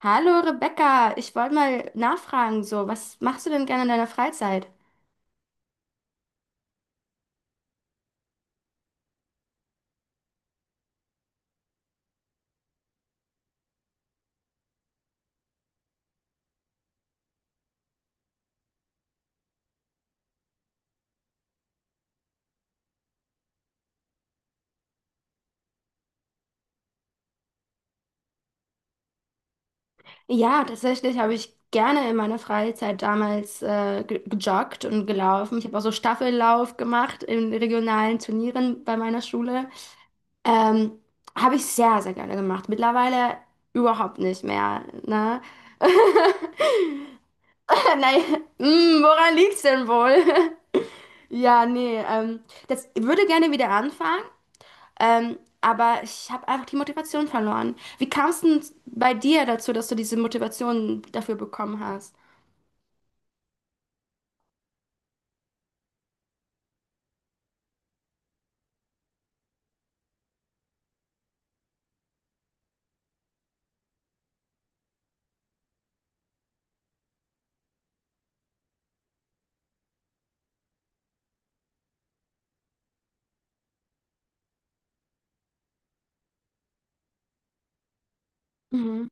Hallo Rebecca, ich wollte mal nachfragen, so, was machst du denn gerne in deiner Freizeit? Ja, tatsächlich habe ich gerne in meiner Freizeit damals gejoggt und gelaufen. Ich habe auch so Staffellauf gemacht in regionalen Turnieren bei meiner Schule. Ähm, habe ich sehr, sehr gerne gemacht. Mittlerweile überhaupt nicht mehr, ne? Nein, mm, woran liegt's denn wohl? Ja, nee, das ich würde gerne wieder anfangen. Aber ich habe einfach die Motivation verloren. Wie kam es denn bei dir dazu, dass du diese Motivation dafür bekommen hast? Mhm.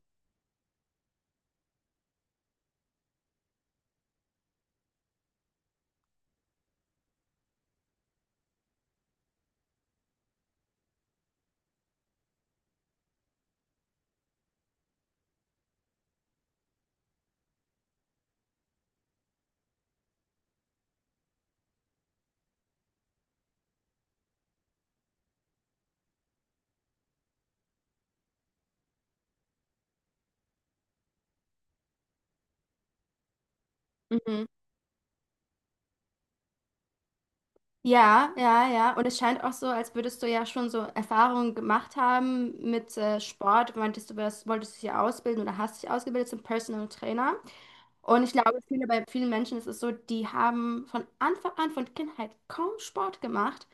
Mhm. Ja, ja, ja. Und es scheint auch so, als würdest du ja schon so Erfahrungen gemacht haben mit Sport. Meintest du, das wolltest dich ja ausbilden oder hast dich ausgebildet zum Personal Trainer. Und ich glaube, viele, bei vielen Menschen ist es so, die haben von Anfang an, von Kindheit kaum Sport gemacht.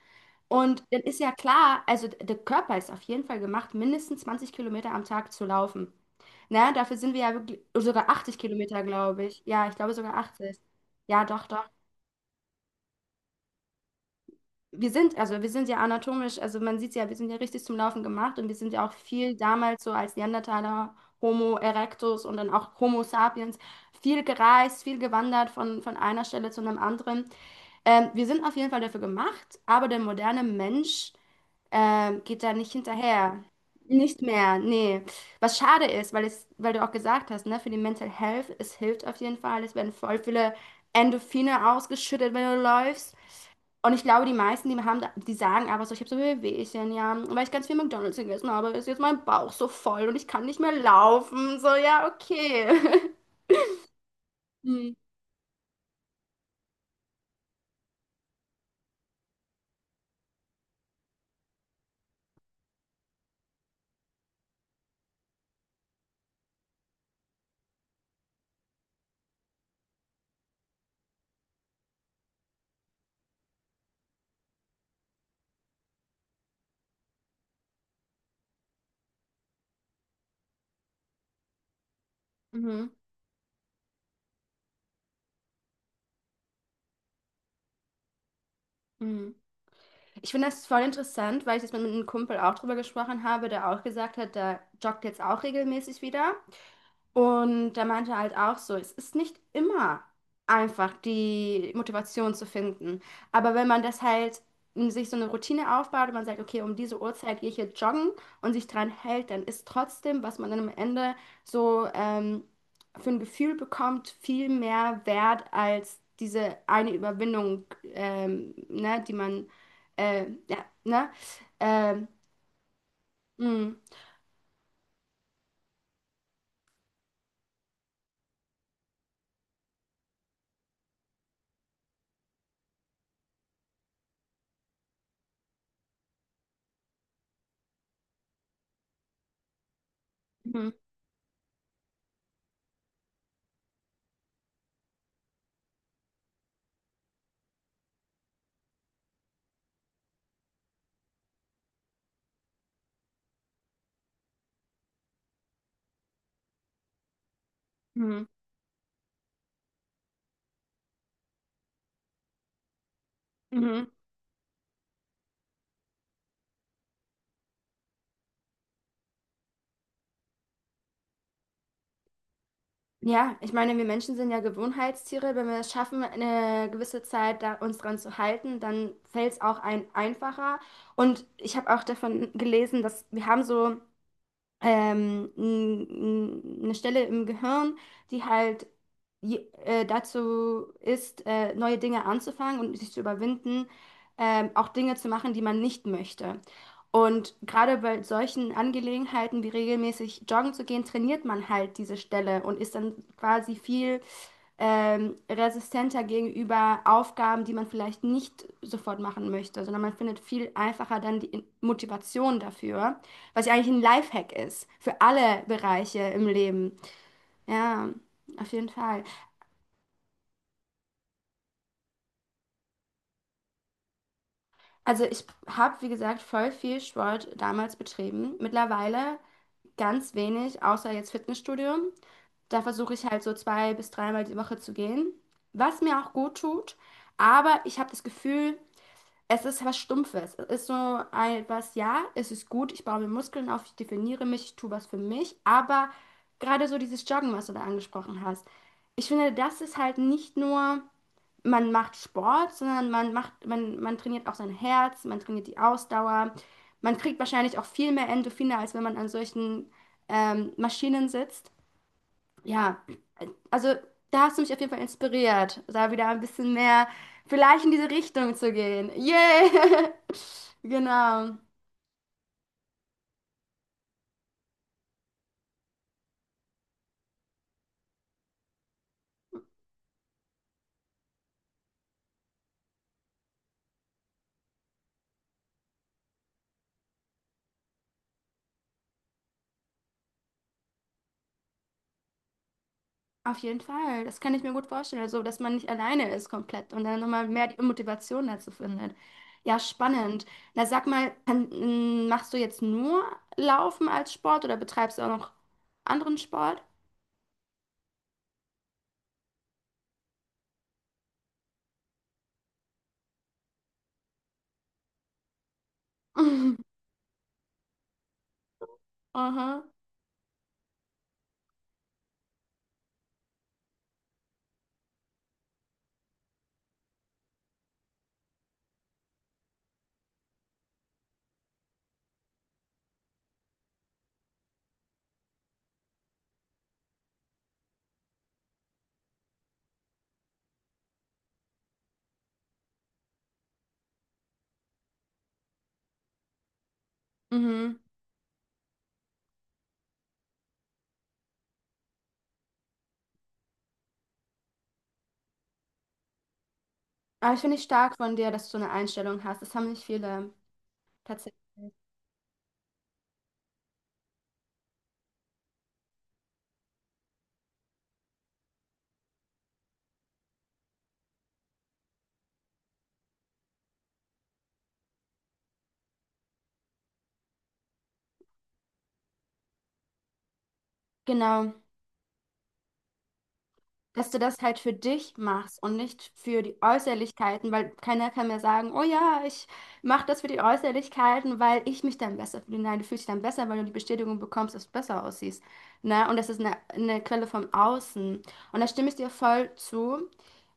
Und dann ist ja klar, also der Körper ist auf jeden Fall gemacht, mindestens 20 Kilometer am Tag zu laufen. Na, dafür sind wir ja wirklich, oh, sogar 80 Kilometer, glaube ich. Ja, ich glaube sogar 80. Ja, doch, doch. Wir sind, also wir sind ja anatomisch, also man sieht ja, wir sind ja richtig zum Laufen gemacht und wir sind ja auch viel damals so als Neandertaler, Homo erectus und dann auch Homo sapiens, viel gereist, viel gewandert von einer Stelle zu einem anderen. Wir sind auf jeden Fall dafür gemacht, aber der moderne Mensch geht da nicht hinterher. Nicht mehr, nee. Was schade ist, weil es, weil du auch gesagt hast, ne, für die Mental Health, es hilft auf jeden Fall. Es werden voll viele Endorphine ausgeschüttet, wenn du läufst. Und ich glaube, die meisten, die haben, die sagen aber so, ich habe so Wehwehchen, ja, weil ich ganz viel McDonald's gegessen habe, ist jetzt mein Bauch so voll und ich kann nicht mehr laufen. So, ja, okay. Mhm. Mhm. Mhm. Ich finde das voll interessant, weil ich jetzt mit einem Kumpel auch drüber gesprochen habe, der auch gesagt hat, der joggt jetzt auch regelmäßig wieder. Und der meinte halt auch so, es ist nicht immer einfach, die Motivation zu finden. Aber wenn man das halt in sich so eine Routine aufbaut und man sagt, okay, um diese Uhrzeit gehe ich jetzt joggen und sich dran hält, dann ist trotzdem, was man dann am Ende so für ein Gefühl bekommt, viel mehr wert als diese eine Überwindung, ne, die man, ja, ne, ähm, mm, mm, mm, mm. Ja, ich meine, wir Menschen sind ja Gewohnheitstiere. Wenn wir es schaffen, eine gewisse Zeit da uns dran zu halten, dann fällt es auch ein einfacher. Und ich habe auch davon gelesen, dass wir haben so eine Stelle im Gehirn, die halt dazu ist, neue Dinge anzufangen und sich zu überwinden, auch Dinge zu machen, die man nicht möchte. Und gerade bei solchen Angelegenheiten wie regelmäßig joggen zu gehen, trainiert man halt diese Stelle und ist dann quasi viel resistenter gegenüber Aufgaben, die man vielleicht nicht sofort machen möchte, sondern man findet viel einfacher dann die Motivation dafür. Was ja eigentlich ein Lifehack ist für alle Bereiche im Leben. Ja, auf jeden Fall. Also ich habe, wie gesagt, voll viel Sport damals betrieben. Mittlerweile ganz wenig, außer jetzt Fitnessstudio. Da versuche ich halt so zwei bis dreimal die Woche zu gehen, was mir auch gut tut. Aber ich habe das Gefühl, es ist was Stumpfes. Es ist so ein, was, ja, es ist gut, ich baue mir Muskeln auf, ich definiere mich, ich tue was für mich, aber gerade so dieses Joggen, was du da angesprochen hast, ich finde, das ist halt nicht nur, man macht Sport, sondern man macht, man trainiert auch sein Herz, man trainiert die Ausdauer, man kriegt wahrscheinlich auch viel mehr Endorphine, als wenn man an solchen Maschinen sitzt. Ja, also da hast du mich auf jeden Fall inspiriert, da wieder ein bisschen mehr vielleicht in diese Richtung zu gehen. Yay! Genau. Auf jeden Fall. Das kann ich mir gut vorstellen. Also, dass man nicht alleine ist komplett und dann nochmal mehr die Motivation dazu findet. Ja, spannend. Na, sag mal, kann, m, machst du jetzt nur Laufen als Sport oder betreibst du auch noch anderen Sport? Mhm. Aha. Mhm. Aber ich finde ich stark von dir, dass du eine Einstellung hast. Das haben nicht viele tatsächlich. Genau, dass du das halt für dich machst und nicht für die Äußerlichkeiten, weil keiner kann mir sagen, oh ja, ich mache das für die Äußerlichkeiten, weil ich mich dann besser fühle. Nein, du fühlst dich dann besser, weil du die Bestätigung bekommst, dass du besser aussiehst. Ne? Und das ist eine Quelle vom Außen. Und da stimme ich dir voll zu.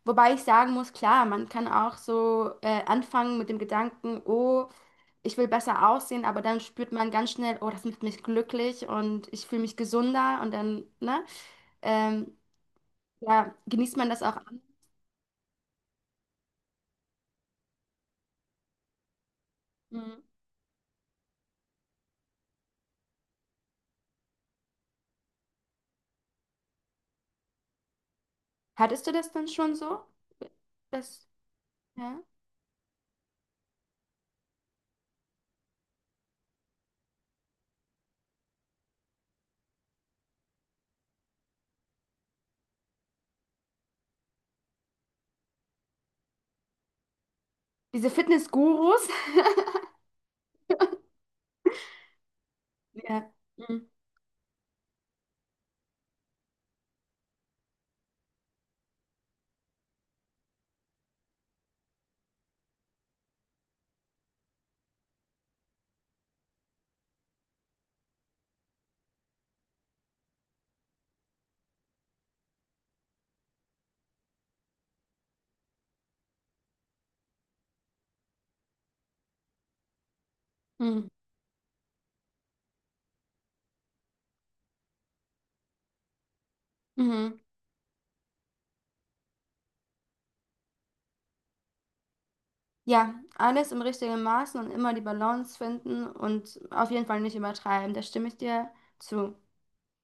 Wobei ich sagen muss, klar, man kann auch so anfangen mit dem Gedanken, oh, ich will besser aussehen, aber dann spürt man ganz schnell, oh, das macht mich glücklich und ich fühle mich gesünder und dann, ne? Ähm, ja, genießt man das auch an? Mhm. Hattest du das dann schon so? Das, ja? Diese Fitness-Gurus? Ja. Mhm. Mhm. Mhm. Ja, alles im richtigen Maßen und immer die Balance finden und auf jeden Fall nicht übertreiben. Da stimme ich dir zu.